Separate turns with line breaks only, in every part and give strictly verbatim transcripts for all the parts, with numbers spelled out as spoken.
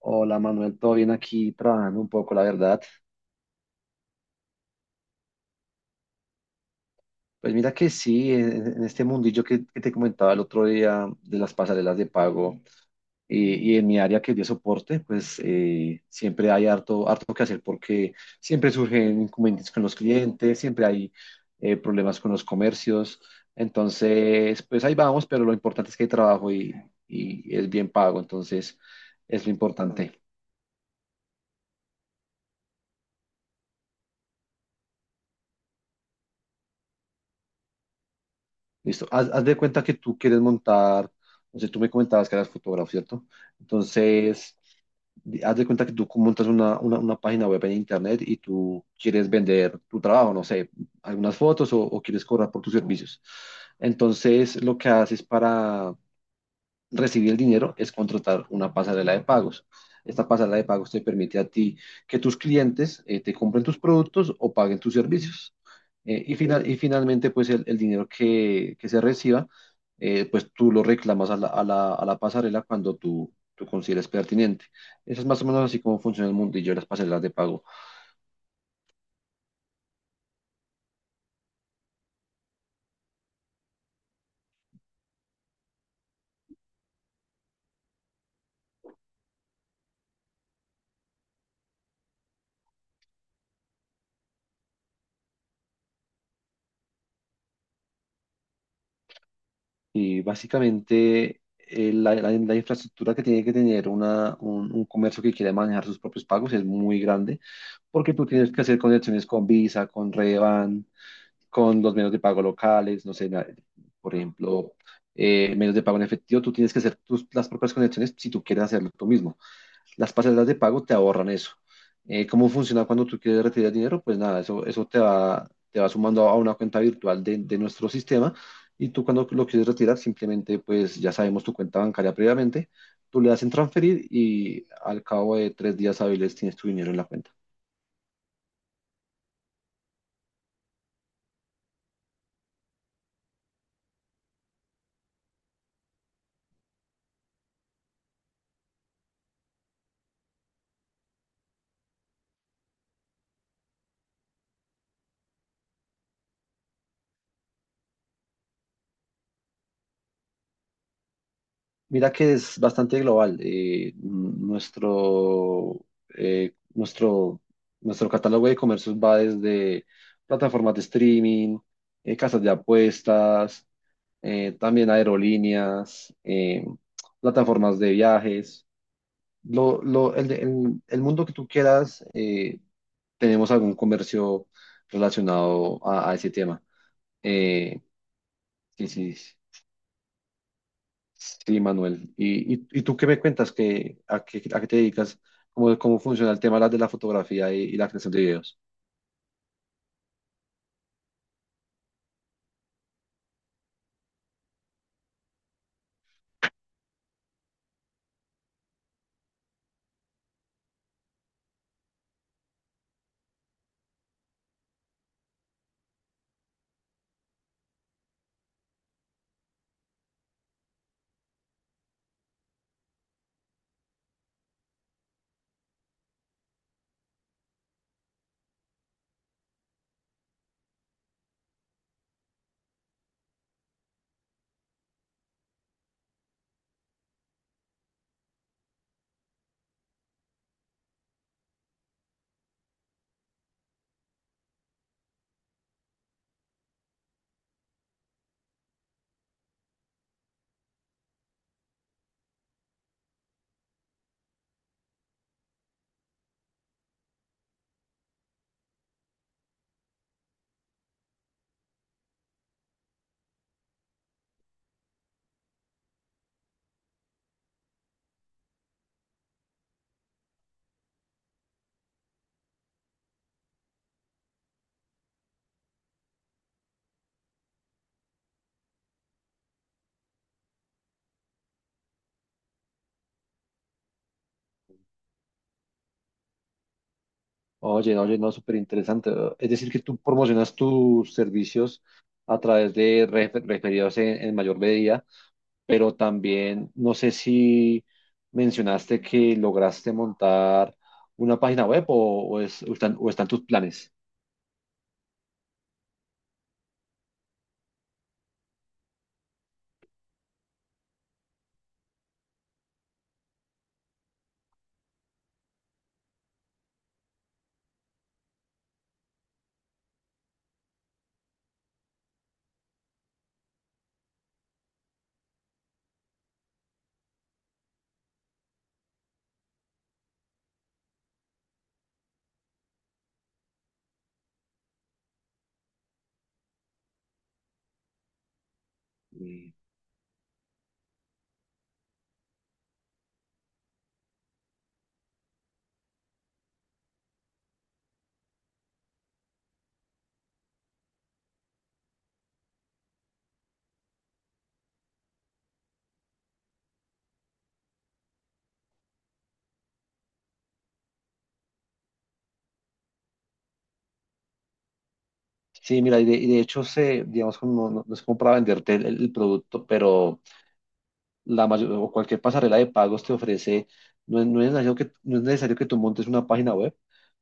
Hola Manuel, todo bien aquí trabajando un poco, la verdad. Pues mira que sí, en, en este mundillo que, que te comentaba el otro día de las pasarelas de pago y, y en mi área que es de soporte, pues eh, siempre hay harto, harto que hacer porque siempre surgen inconvenientes con los clientes, siempre hay eh, problemas con los comercios. Entonces, pues ahí vamos, pero lo importante es que hay trabajo y, y es bien pago, entonces es lo importante. Listo. Haz, haz de cuenta que tú quieres montar, no sé, tú me comentabas que eras fotógrafo, ¿cierto? Entonces, di- haz de cuenta que tú montas una, una, una página web en internet y tú quieres vender tu trabajo, no sé, algunas fotos o, o quieres cobrar por tus servicios. Entonces, lo que haces para recibir el dinero es contratar una pasarela de pagos. Esta pasarela de pagos te permite a ti que tus clientes eh, te compren tus productos o paguen tus servicios. Eh, y, final, y finalmente, pues el, el dinero que, que se reciba, eh, pues tú lo reclamas a la, a la, a la pasarela cuando tú, tú consideres pertinente. Eso es más o menos así como funciona el mundillo de las pasarelas de pago. Y básicamente eh, la, la- la infraestructura que tiene que tener una- un, un comercio que quiere manejar sus propios pagos es muy grande, porque tú tienes que hacer conexiones con Visa, con Revan, con los medios de pago locales, no sé, na- por ejemplo, eh, medios de pago en efectivo, tú tienes que hacer tus, las propias conexiones si tú quieres hacerlo tú mismo. Las pasarelas de pago te ahorran eso. Eh, ¿cómo funciona cuando tú quieres retirar dinero? Pues nada, eso, eso te va, te va sumando a una cuenta virtual de, de nuestro sistema y tú cuando lo quieres retirar simplemente pues ya sabemos tu cuenta bancaria previamente, tú le das en transferir y al cabo de tres días hábiles tienes tu dinero en la cuenta. Mira que es bastante global. eh, nuestro, eh, nuestro, Nuestro catálogo de comercios va desde plataformas de streaming, eh, casas de apuestas, eh, también aerolíneas, eh, plataformas de viajes, lo, lo- el, el- el mundo que tú quieras, eh, tenemos algún comercio relacionado a, a ese tema. Eh, sí, sí, sí, Manuel. ¿Y, y, y tú qué me cuentas? ¿Qué, a, qué, a qué te dedicas? ¿Cómo, cómo funciona el tema de la fotografía y, y la creación de videos? Oye, oye, no, súper interesante. Es decir, que tú promocionas tus servicios a través de refer- referidos en en mayor medida pero también no sé si mencionaste que lograste montar una página web o, o es- o están, o están tus planes. Mm. Sí, mira, y de, y de hecho, se, digamos, como no, no es como para venderte el, el producto, pero la mayor, o cualquier pasarela de pagos te ofrece, no es, no es necesario que, no es necesario que tú montes una página web.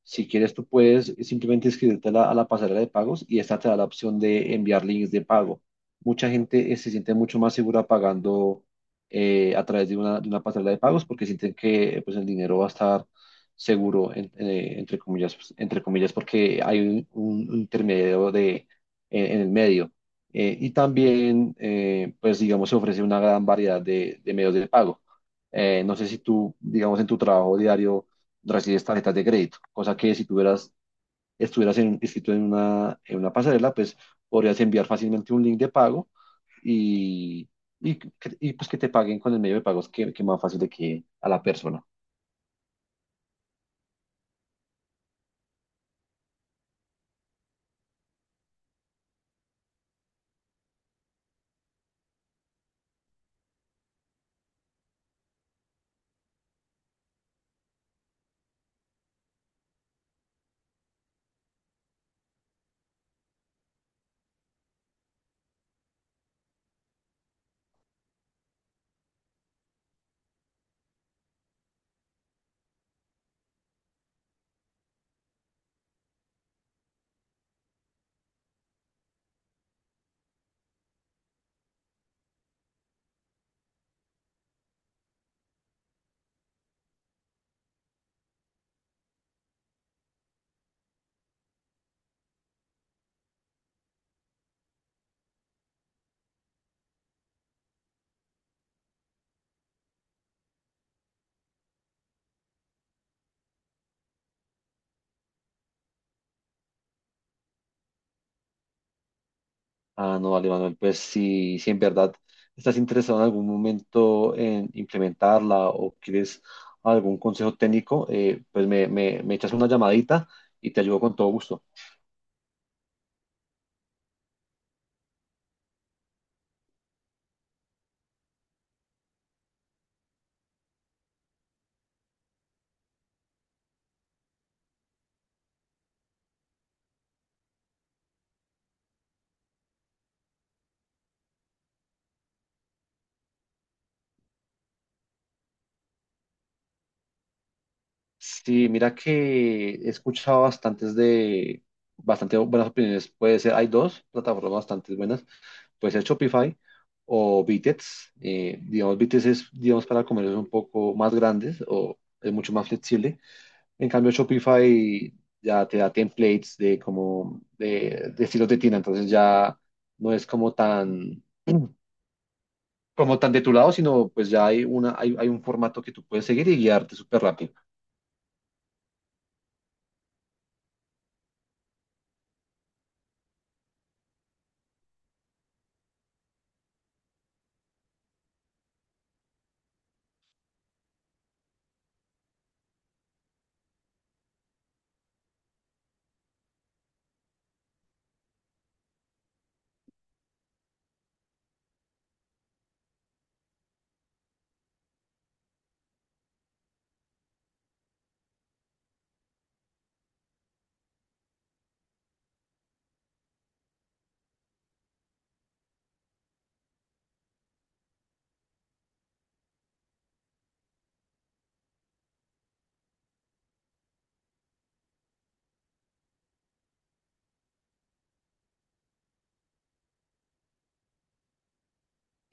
Si quieres, tú puedes simplemente inscribirte a la, a la pasarela de pagos y esta te da la opción de enviar links de pago. Mucha gente eh, se siente mucho más segura pagando eh, a través de una, de una pasarela de pagos porque sienten que eh, pues, el dinero va a estar seguro, en- eh, entre comillas, pues, entre comillas, porque hay un, un- un intermediario de, en en el medio. Eh, y también, eh, pues digamos, se ofrece una gran variedad de, de medios de pago. Eh, no sé si tú, digamos, en tu trabajo diario recibes tarjetas de crédito, cosa que si tuvieras, estuvieras en, inscrito en una, en una pasarela, pues podrías enviar fácilmente un link de pago y, y, que- y, pues que te paguen con el medio de pagos que, que más fácil de que a la persona. Ah, no, vale, Manuel, pues si, si en verdad estás interesado en algún momento en implementarla o quieres algún consejo técnico, eh, pues me, me, me echas una llamadita y te ayudo con todo gusto. Sí, mira que he escuchado bastantes de, bastante buenas opiniones. Puede ser, hay dos plataformas bastante buenas, puede ser Shopify o Bitets. Eh, digamos, Bitets es, digamos, para comercios un poco más grandes o es mucho más flexible. En cambio, Shopify ya te da templates de como de, de estilos de tienda, entonces ya no es como tan como tan de tu lado, sino pues ya hay una hay, hay un formato que tú puedes seguir y guiarte súper rápido.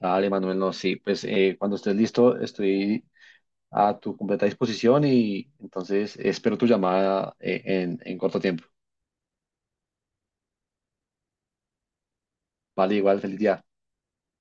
Dale, Manuel, no, sí, pues eh, cuando estés listo estoy a tu completa disposición y entonces espero tu llamada eh, en, en corto tiempo. Vale, igual, feliz día.